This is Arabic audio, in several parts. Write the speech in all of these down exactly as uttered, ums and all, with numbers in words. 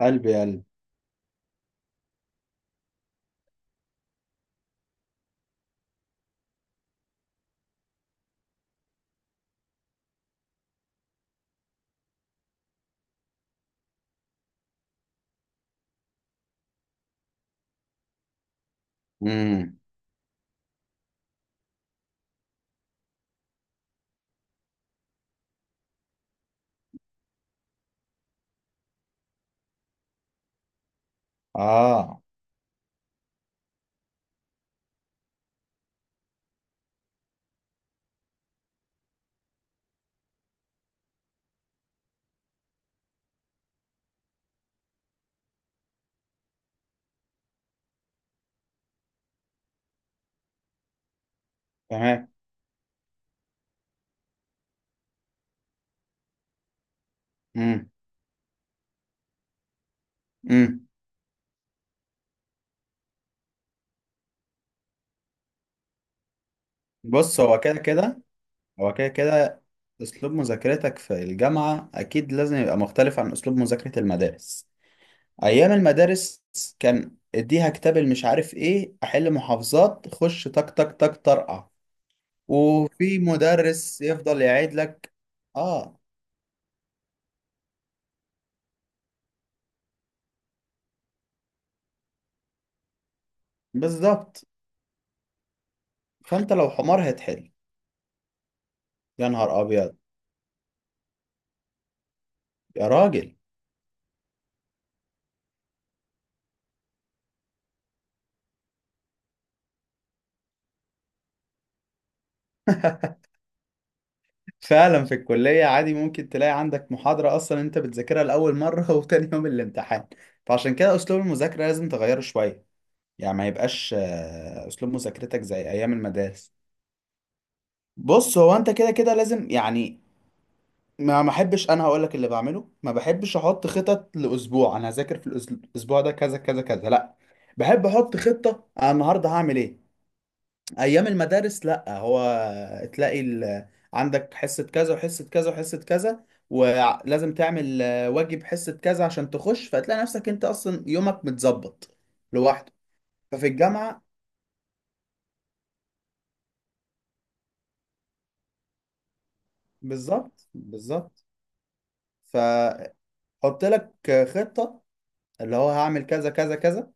قلب يا قلب. مم. اه، تمام. مم. مم. بص، هو كده كده. هو كده كده اسلوب مذاكرتك في الجامعة اكيد لازم يبقى مختلف عن اسلوب مذاكرة المدارس. ايام المدارس كان اديها كتاب، مش عارف ايه، احل محافظات، خش تك تك تك طرقع. وفي مدرس يفضل يعيد لك. اه، بالظبط. فانت لو حمار هتحل. يا نهار ابيض! يا راجل! فعلا في الكلية عادي ممكن تلاقي عندك محاضرة أصلا أنت بتذاكرها لأول مرة وتاني يوم الامتحان. فعشان كده أسلوب المذاكرة لازم تغيره شوية، يعني ما يبقاش آه، أسلوب مذاكرتك زي أيام المدارس. بص، هو أنت كده كده لازم، يعني ما ما أحبش. أنا هقولك اللي بعمله: ما بحبش أحط خطط لأسبوع. أنا هذاكر في الأس- الأسبوع ده كذا كذا كذا، لأ، بحب أحط خطة أنا النهاردة هعمل إيه. ايام المدارس لا، هو تلاقي ال... عندك حصة كذا وحصة كذا وحصة كذا، ولازم تعمل آه، واجب حصة كذا عشان تخش، فتلاقي نفسك انت اصلا يومك متظبط لوحده. ففي الجامعة، بالظبط بالظبط. فحط لك خطة اللي هو هعمل كذا كذا كذا،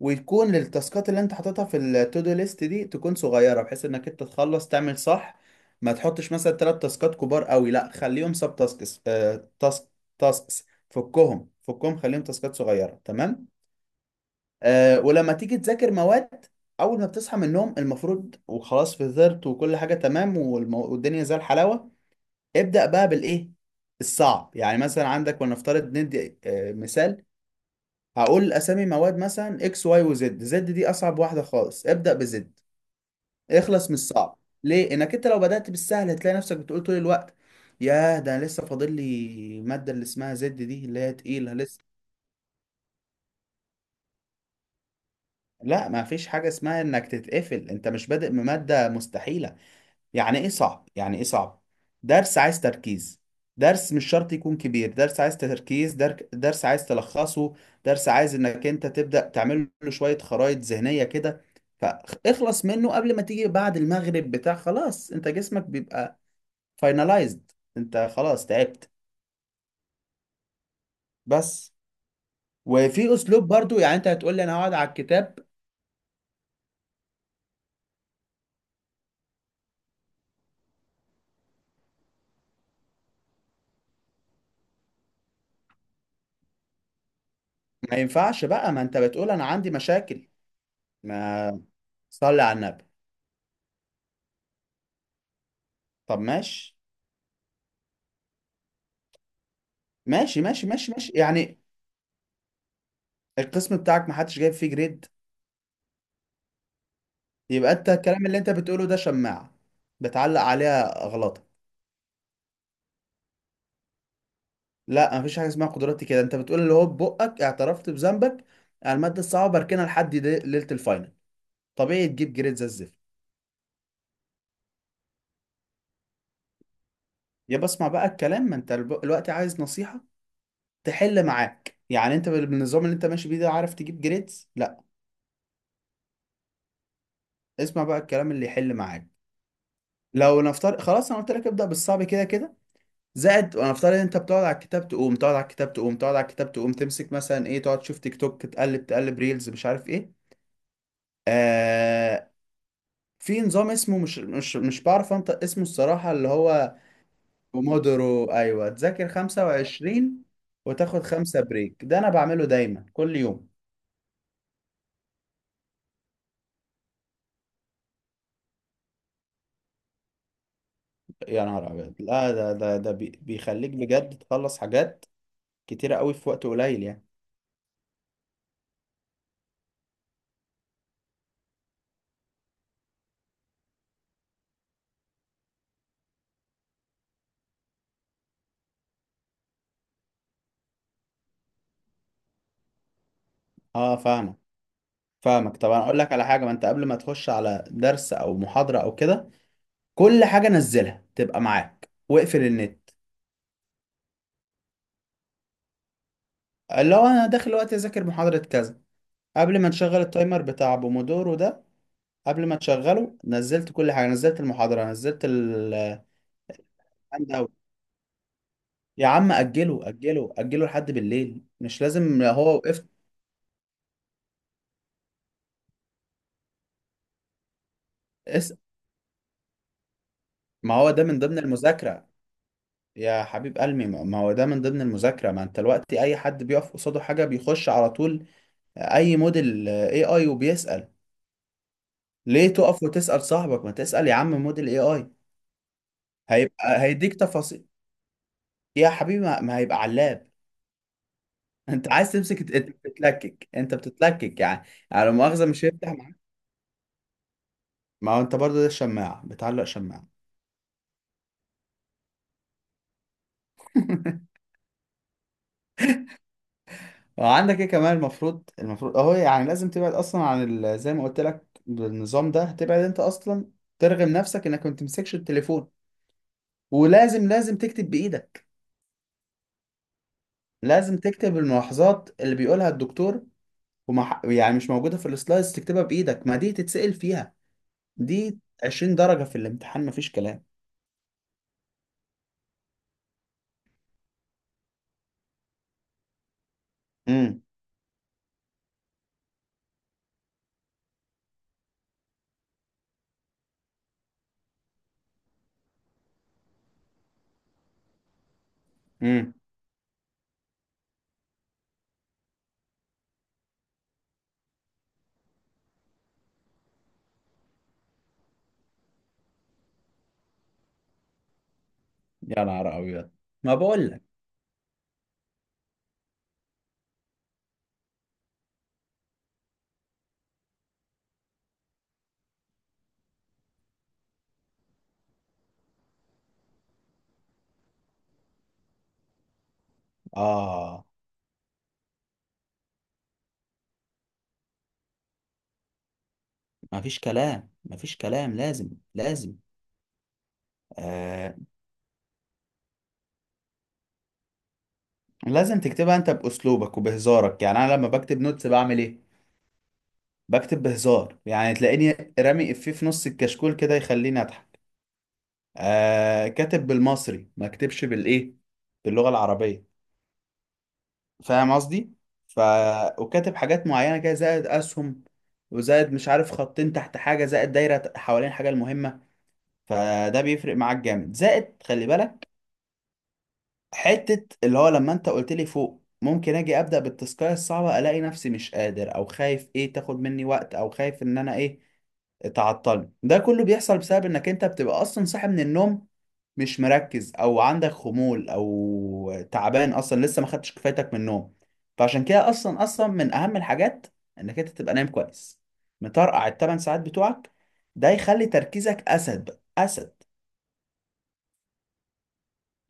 ويكون التاسكات اللي انت حاططها في التو دو ليست دي تكون صغيره بحيث انك انت تخلص تعمل صح. ما تحطش مثلا ثلاث تاسكات كبار قوي، لا، خليهم سب تاسكس، آه تاسك، تاسكس، فكهم فكهم، خليهم تاسكات صغيره. تمام. آه ولما تيجي تذاكر مواد، اول ما بتصحى من النوم المفروض وخلاص فطرت وكل حاجه تمام، والمو... والدنيا زي الحلاوه، ابدا بقى بالايه الصعب. يعني مثلا عندك، ولنفترض ندي آه مثال، هقول اسامي مواد مثلا اكس واي وزد. زد دي اصعب واحده خالص، ابدا بزد، اخلص من الصعب. ليه؟ انك انت لو بدات بالسهل هتلاقي نفسك بتقول طول الوقت: ياه، ده انا لسه فاضل لي الماده اللي اسمها زد دي اللي هي تقيله لسه. لا، ما فيش حاجه اسمها انك تتقفل، انت مش بادئ بماده مستحيله. يعني ايه صعب؟ يعني ايه صعب؟ درس عايز تركيز، درس مش شرط يكون كبير، درس عايز تركيز، در- درس عايز تلخصه، درس عايز انك انت تبدأ تعمل له شوية خرائط ذهنية كده. فاخلص منه قبل ما تيجي بعد المغرب بتاع خلاص انت جسمك بيبقى فاينلايزد، انت خلاص تعبت، بس. وفي اسلوب برضو، يعني انت هتقول لي انا هقعد على الكتاب، ما ينفعش بقى، ما انت بتقول انا عندي مشاكل. ما صلي على النبي. طب ماشي ماشي ماشي ماشي ماشي، يعني القسم بتاعك محدش جايب فيه جريد؟ يبقى انت الكلام اللي انت بتقوله ده شماعة بتعلق عليها غلطة. لا، مفيش حاجة اسمها قدراتي كده. انت بتقول اللي هو ببقك اعترفت بذنبك، على المادة الصعبة بركنها لحد دي- ليلة الفاينل، طبيعي تجيب جريد زي الزفت. يا بسمع بقى الكلام، ما انت الب- الوقت عايز نصيحة تحل معاك، يعني انت بال- بالنظام اللي انت ماشي بيه ده عارف تجيب جريدز؟ لا. اسمع بقى الكلام اللي يحل معاك. لو نفترض، خلاص، انا قلت لك ابدأ بالصعب كده كده، زائد انا افترض ان انت بتقعد على الكتاب تقوم، تقعد على الكتاب تقوم، تقعد على الكتاب تقوم، تمسك مثلا ايه، تقعد تشوف تيك توك، تقلب تقلب ريلز، مش عارف ايه. آه، في نظام اسمه، مش مش مش بعرف انطق اسمه الصراحة، اللي هو بومودورو. ايوه، تذاكر خمسة وعشرين وتاخد خمسة بريك. ده انا بعمله دايما كل يوم. يا نهار ابيض! لا، ده ده ده بي- بيخليك بجد تخلص حاجات كتيرة قوي في وقت قليل يعني. اه، فاهمك، فاهمك طبعا. اقول لك على حاجة: ما انت قبل ما تخش على درس او محاضرة او كده، كل حاجة نزلها تبقى معاك، واقفل النت. اللي هو انا داخل وقت اذاكر محاضرة كذا، قبل ما نشغل التايمر بتاع بومودورو ده، قبل ما تشغله نزلت كل حاجة، نزلت المحاضرة، نزلت ال الهاند اوت. يا عم اجله اجله اجله لحد بالليل، مش لازم هو وقفت. اسأل، ما هو ده من ضمن المذاكرة. يا حبيب قلبي، ما ما هو ده من ضمن المذاكرة. ما انت الوقت اي حد بيقف قصاده حاجة بيخش على طول اي موديل اي اي وبيسأل، ليه تقف وتسأل صاحبك؟ ما تسأل يا عم موديل اي اي، هيبقى هيديك تفاصيل. يا حبيبي، ما ما هيبقى علاب. انت عايز تمسك، انت بتتلكك، انت بتتلكك يعني، يعني لا مؤاخذة مش هيفتح معاك. ما هو انت برضه ده الشماعة، بتعلق شماعة. وعندك ايه كمان، المفروض، المفروض اهو، يعني لازم تبعد اصلا عن ال... زي ما قلت لك النظام ده، تبعد انت اصلا ترغم نفسك انك ما تمسكش التليفون، ولازم لازم تكتب بايدك، لازم تكتب الملاحظات اللي بيقولها الدكتور، ومح... يعني مش موجودة في السلايدز تكتبها بايدك، ما دي تتسأل فيها. دي عشرين درجة في الامتحان مفيش كلام. امم. امم. يا نهار ابيض! ما بقول لك. اه، مفيش كلام، مفيش كلام، لازم لازم. آه، لازم تكتبها انت باسلوبك وبهزارك. يعني انا لما بكتب نوتس بعمل ايه؟ بكتب بهزار، يعني تلاقيني رامي افيه في نص الكشكول كده يخليني اضحك. آه، كاتب بالمصري، ما اكتبش بالايه، باللغة العربية. فاهم قصدي؟ ف وكاتب حاجات معينه كده، زائد اسهم، وزائد مش عارف خطين تحت حاجه، زائد دايره حوالين الحاجه المهمه. فده بيفرق معاك جامد. زائد خلي بالك، حتة اللي هو لما انت قلت لي فوق ممكن اجي ابدا بالتاسكايه الصعبه الاقي نفسي مش قادر، او خايف ايه تاخد مني وقت، او خايف ان انا ايه تعطلني، ده كله بيحصل بسبب انك انت بتبقى اصلا صاحي من النوم مش مركز، او عندك خمول، او تعبان اصلا لسه ما خدتش كفايتك من النوم. فعشان كده اصلا اصلا من اهم الحاجات انك انت تبقى نايم كويس، مطرقع الثمان ساعات بتوعك. ده يخلي تركيزك اسد بقى اسد.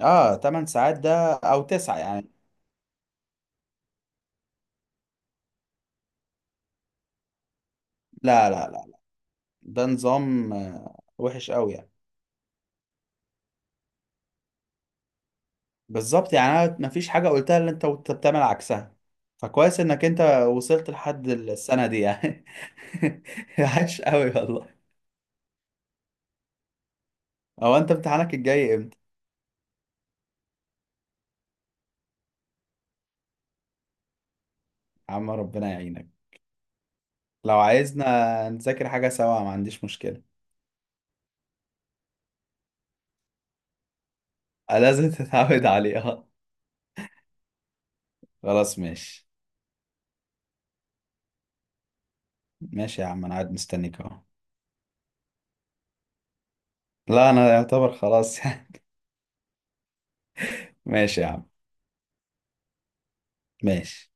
اه، تمن ساعات ده او تسع يعني. لا لا لا، ده نظام آه، وحش قوي يعني. بالظبط، يعني انا مفيش حاجه قلتها اللي انت وأنت بتعمل عكسها. فكويس انك انت وصلت لحد السنه دي يعني. عاش قوي والله. هو انت امتحانك الجاي امتى؟ يا عم ربنا يعينك. لو عايزنا نذاكر حاجه سوا ما عنديش مشكله. آه، لازم تتعود عليها. خلاص ماشي. ماشي يا عم، انا قاعد مستنيك اهو. لا انا يعتبر خلاص يعني. ماشي يا عم، ماشي.